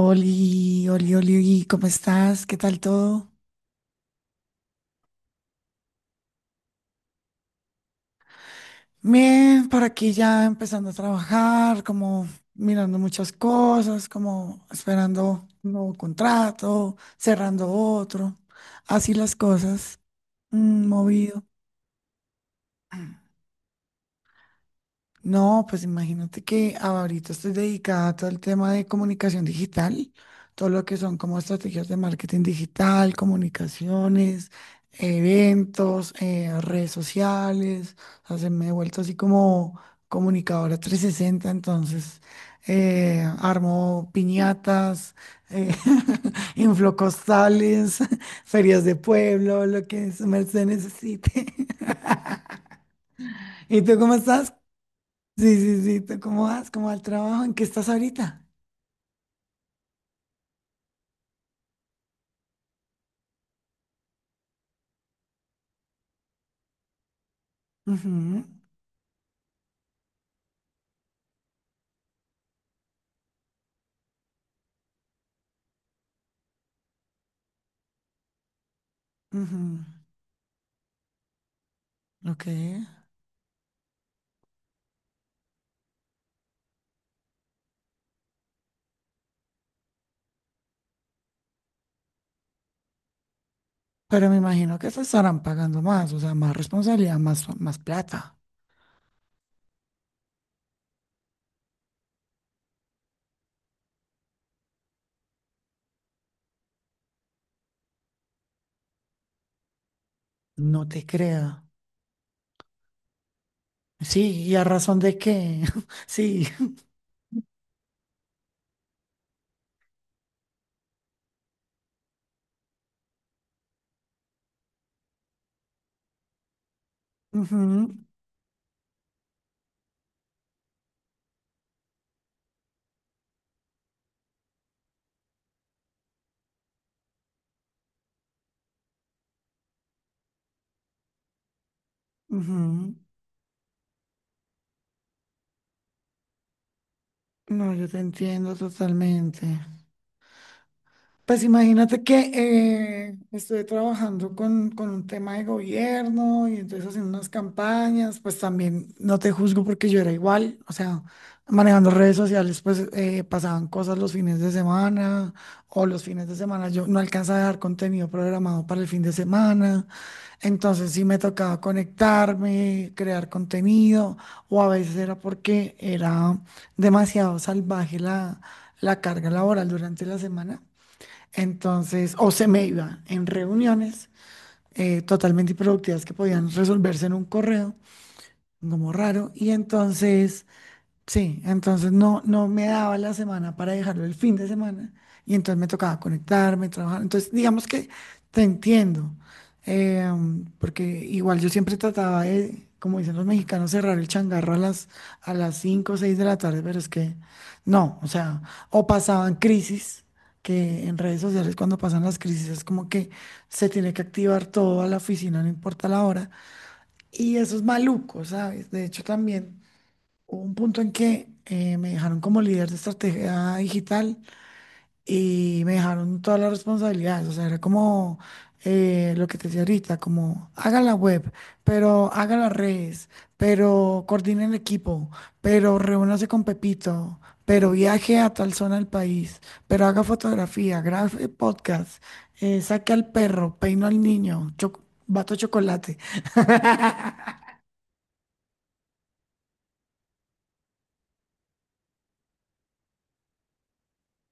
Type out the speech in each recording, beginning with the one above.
Oli, Oli, Oli, Oli, ¿cómo estás? ¿Qué tal todo? Bien, por aquí ya empezando a trabajar, como mirando muchas cosas, como esperando un nuevo contrato, cerrando otro, así las cosas, movido. No, pues imagínate que ahorita estoy dedicada a todo el tema de comunicación digital, todo lo que son como estrategias de marketing digital, comunicaciones, eventos, redes sociales. O sea, se me he vuelto así como comunicadora 360, entonces armo piñatas, eh, inflocostales, ferias de pueblo, lo que se merced necesite. ¿Y tú cómo estás? Sí, sí, sí. ¿Tú cómo vas? ¿Cómo va el trabajo? ¿En qué estás ahorita? Ujú, ujú. Ok. Pero me imagino que te estarán pagando más, o sea, más responsabilidad, más plata. No te creo. Sí, ¿y a razón de qué? Sí. Ujú, ujú. No, yo te entiendo totalmente. Pues imagínate que estuve trabajando con un tema de gobierno y entonces haciendo unas campañas, pues también no te juzgo porque yo era igual, o sea, manejando redes sociales, pues pasaban cosas los fines de semana o los fines de semana yo no alcanzaba a dejar contenido programado para el fin de semana, entonces sí me tocaba conectarme, crear contenido o a veces era porque era demasiado salvaje la carga laboral durante la semana. Entonces, o se me iba en reuniones totalmente improductivas que podían resolverse en un correo, como raro. Y entonces sí, entonces no, no me daba la semana para dejarlo el fin de semana y entonces me tocaba conectarme, trabajar. Entonces, digamos que te entiendo, eh, porque igual yo siempre trataba de, como dicen los mexicanos, cerrar el changarro a las 5 o 6 de la tarde, pero es que no, o sea, o pasaban crisis, que en redes sociales cuando pasan las crisis es como que se tiene que activar todo a la oficina, no importa la hora. Y eso es maluco, ¿sabes? De hecho, también hubo un punto en que me dejaron como líder de estrategia digital y me dejaron todas las responsabilidades. O sea, era como lo que te decía ahorita, como haga la web, pero haga las redes, pero coordine el equipo, pero reúnase con Pepito, pero viaje a tal zona del país, pero haga fotografía, grabe podcast, saque al perro, peino al niño, bato chocolate.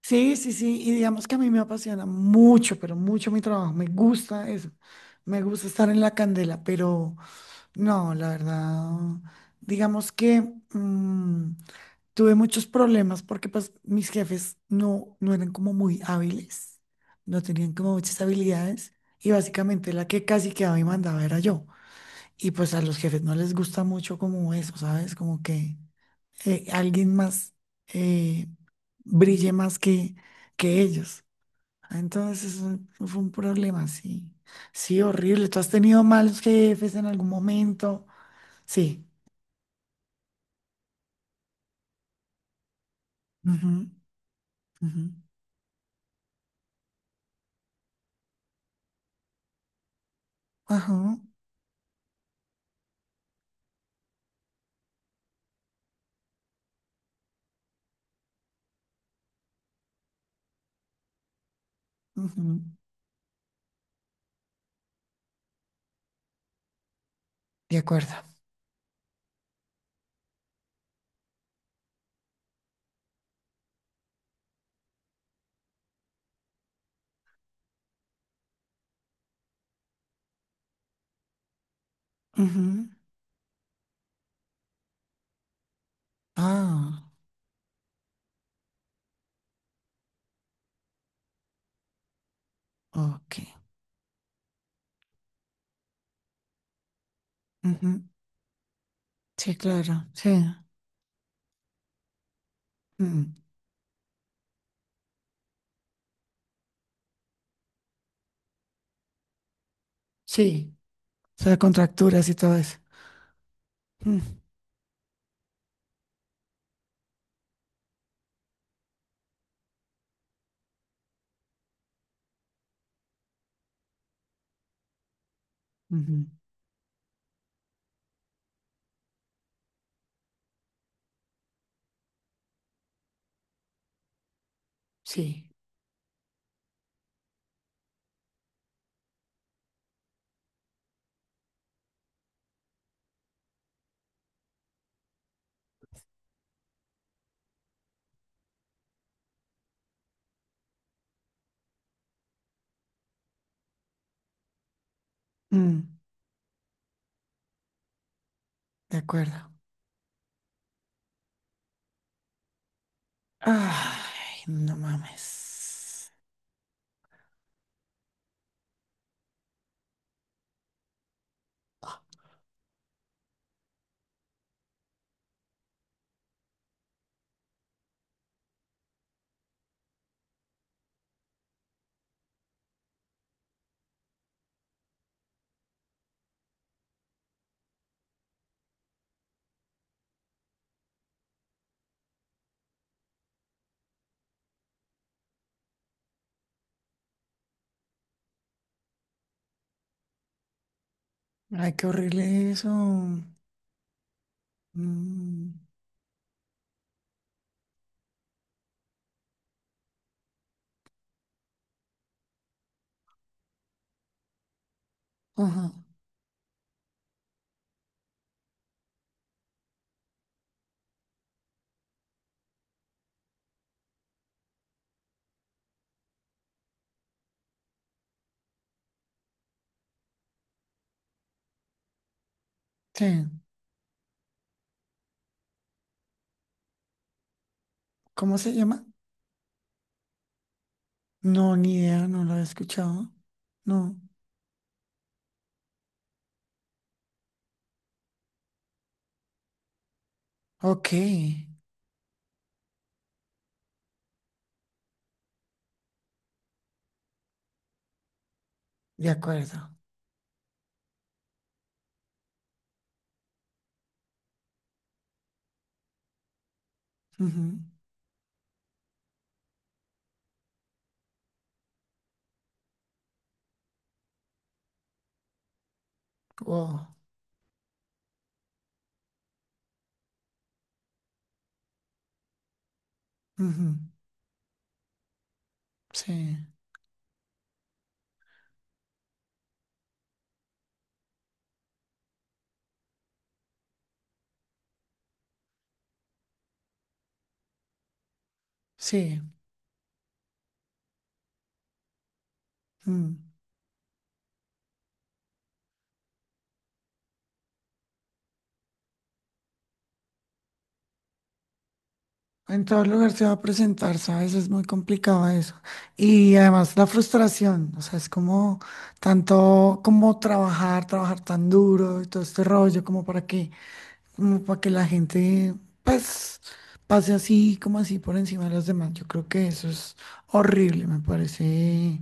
Sí, sí, sí, y digamos que a mí me apasiona mucho, pero mucho mi trabajo, me gusta eso, me gusta estar en la candela, pero no, la verdad, digamos que mm, tuve muchos problemas porque pues mis jefes no, no eran como muy hábiles, no tenían como muchas habilidades y básicamente la que casi quedaba y mandaba era yo, y pues a los jefes no les gusta mucho como eso, ¿sabes? Como que alguien más eh, brille más que ellos. Entonces eso fue un problema, sí. Sí, horrible. ¿Tú has tenido malos jefes en algún momento? Sí. Ujú, ujú. Ajá, ujú. De acuerdo. Ujú. Ah, ok. Ujú. Sí, claro. Sí. Mm, sí. O sea, contracturas y todo eso. Mm, ujú. Sí. Mm, de acuerdo. Ay, no mames. Ay, qué horrible eso. Mm, ajá, sí. ¿Cómo se llama? No, ni idea, no lo he escuchado. No. Ok, de acuerdo. Ujú, wow. Ujú, sí, sí. Mm. En todo lugar se va a presentar, ¿sabes? Es muy complicado eso. Y además la frustración, o sea, es como tanto como trabajar, trabajar tan duro y todo este rollo, como para qué. Como para que la gente, pues, pase así, como así por encima de los demás. Yo creo que eso es horrible, me parece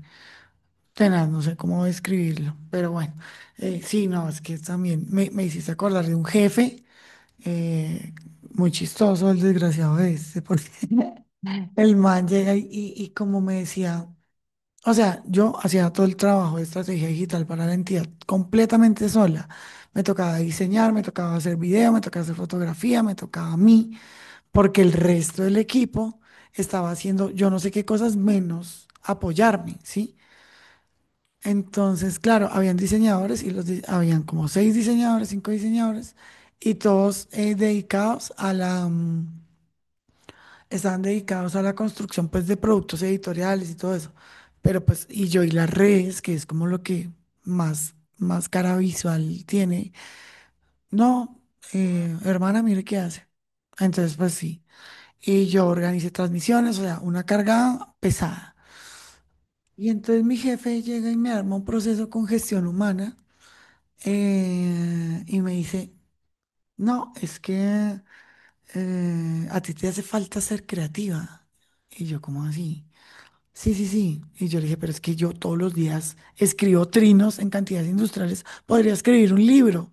tenaz, no sé cómo describirlo, pero bueno, sí, no, es que también me hiciste acordar de un jefe, eh, muy chistoso el desgraciado este, porque el man llega y como me decía, o sea, yo hacía todo el trabajo de estrategia digital para la entidad completamente sola. Me tocaba diseñar, me tocaba hacer video, me tocaba hacer fotografía, me tocaba a mí porque el resto del equipo estaba haciendo yo no sé qué cosas menos apoyarme, ¿sí? Entonces, claro, habían diseñadores y habían como seis diseñadores, cinco diseñadores y todos dedicados a estaban dedicados a la construcción pues de productos editoriales y todo eso. Pero pues y yo y las redes, que es como lo que más cara visual tiene. No, hermana, mire qué hace. Entonces, pues sí. Y yo organicé transmisiones, o sea, una carga pesada. Y entonces mi jefe llega y me arma un proceso con gestión humana y me dice, no, es que a ti te hace falta ser creativa. Y yo, ¿cómo así? Sí, sí, sí. Y yo le dije, pero es que yo todos los días escribo trinos en cantidades industriales, podría escribir un libro.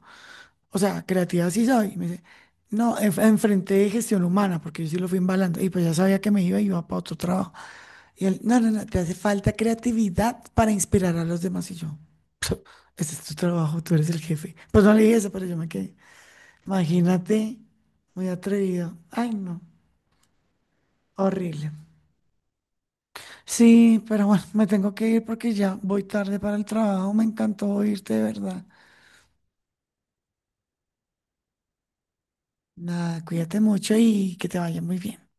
O sea, creativa sí soy. Y me dice, no, enfrente de gestión humana, porque yo sí lo fui embalando. Y pues ya sabía que me iba y iba para otro trabajo. Y él, no, no, no, te hace falta creatividad para inspirar a los demás. Y yo, este es tu trabajo, tú eres el jefe. Pues no le dije eso, pero yo me quedé. Imagínate, muy atrevido. Ay, no, horrible. Sí, pero bueno, me tengo que ir porque ya voy tarde para el trabajo. Me encantó oírte, de verdad. Nada, cuídate mucho y que te vaya muy bien.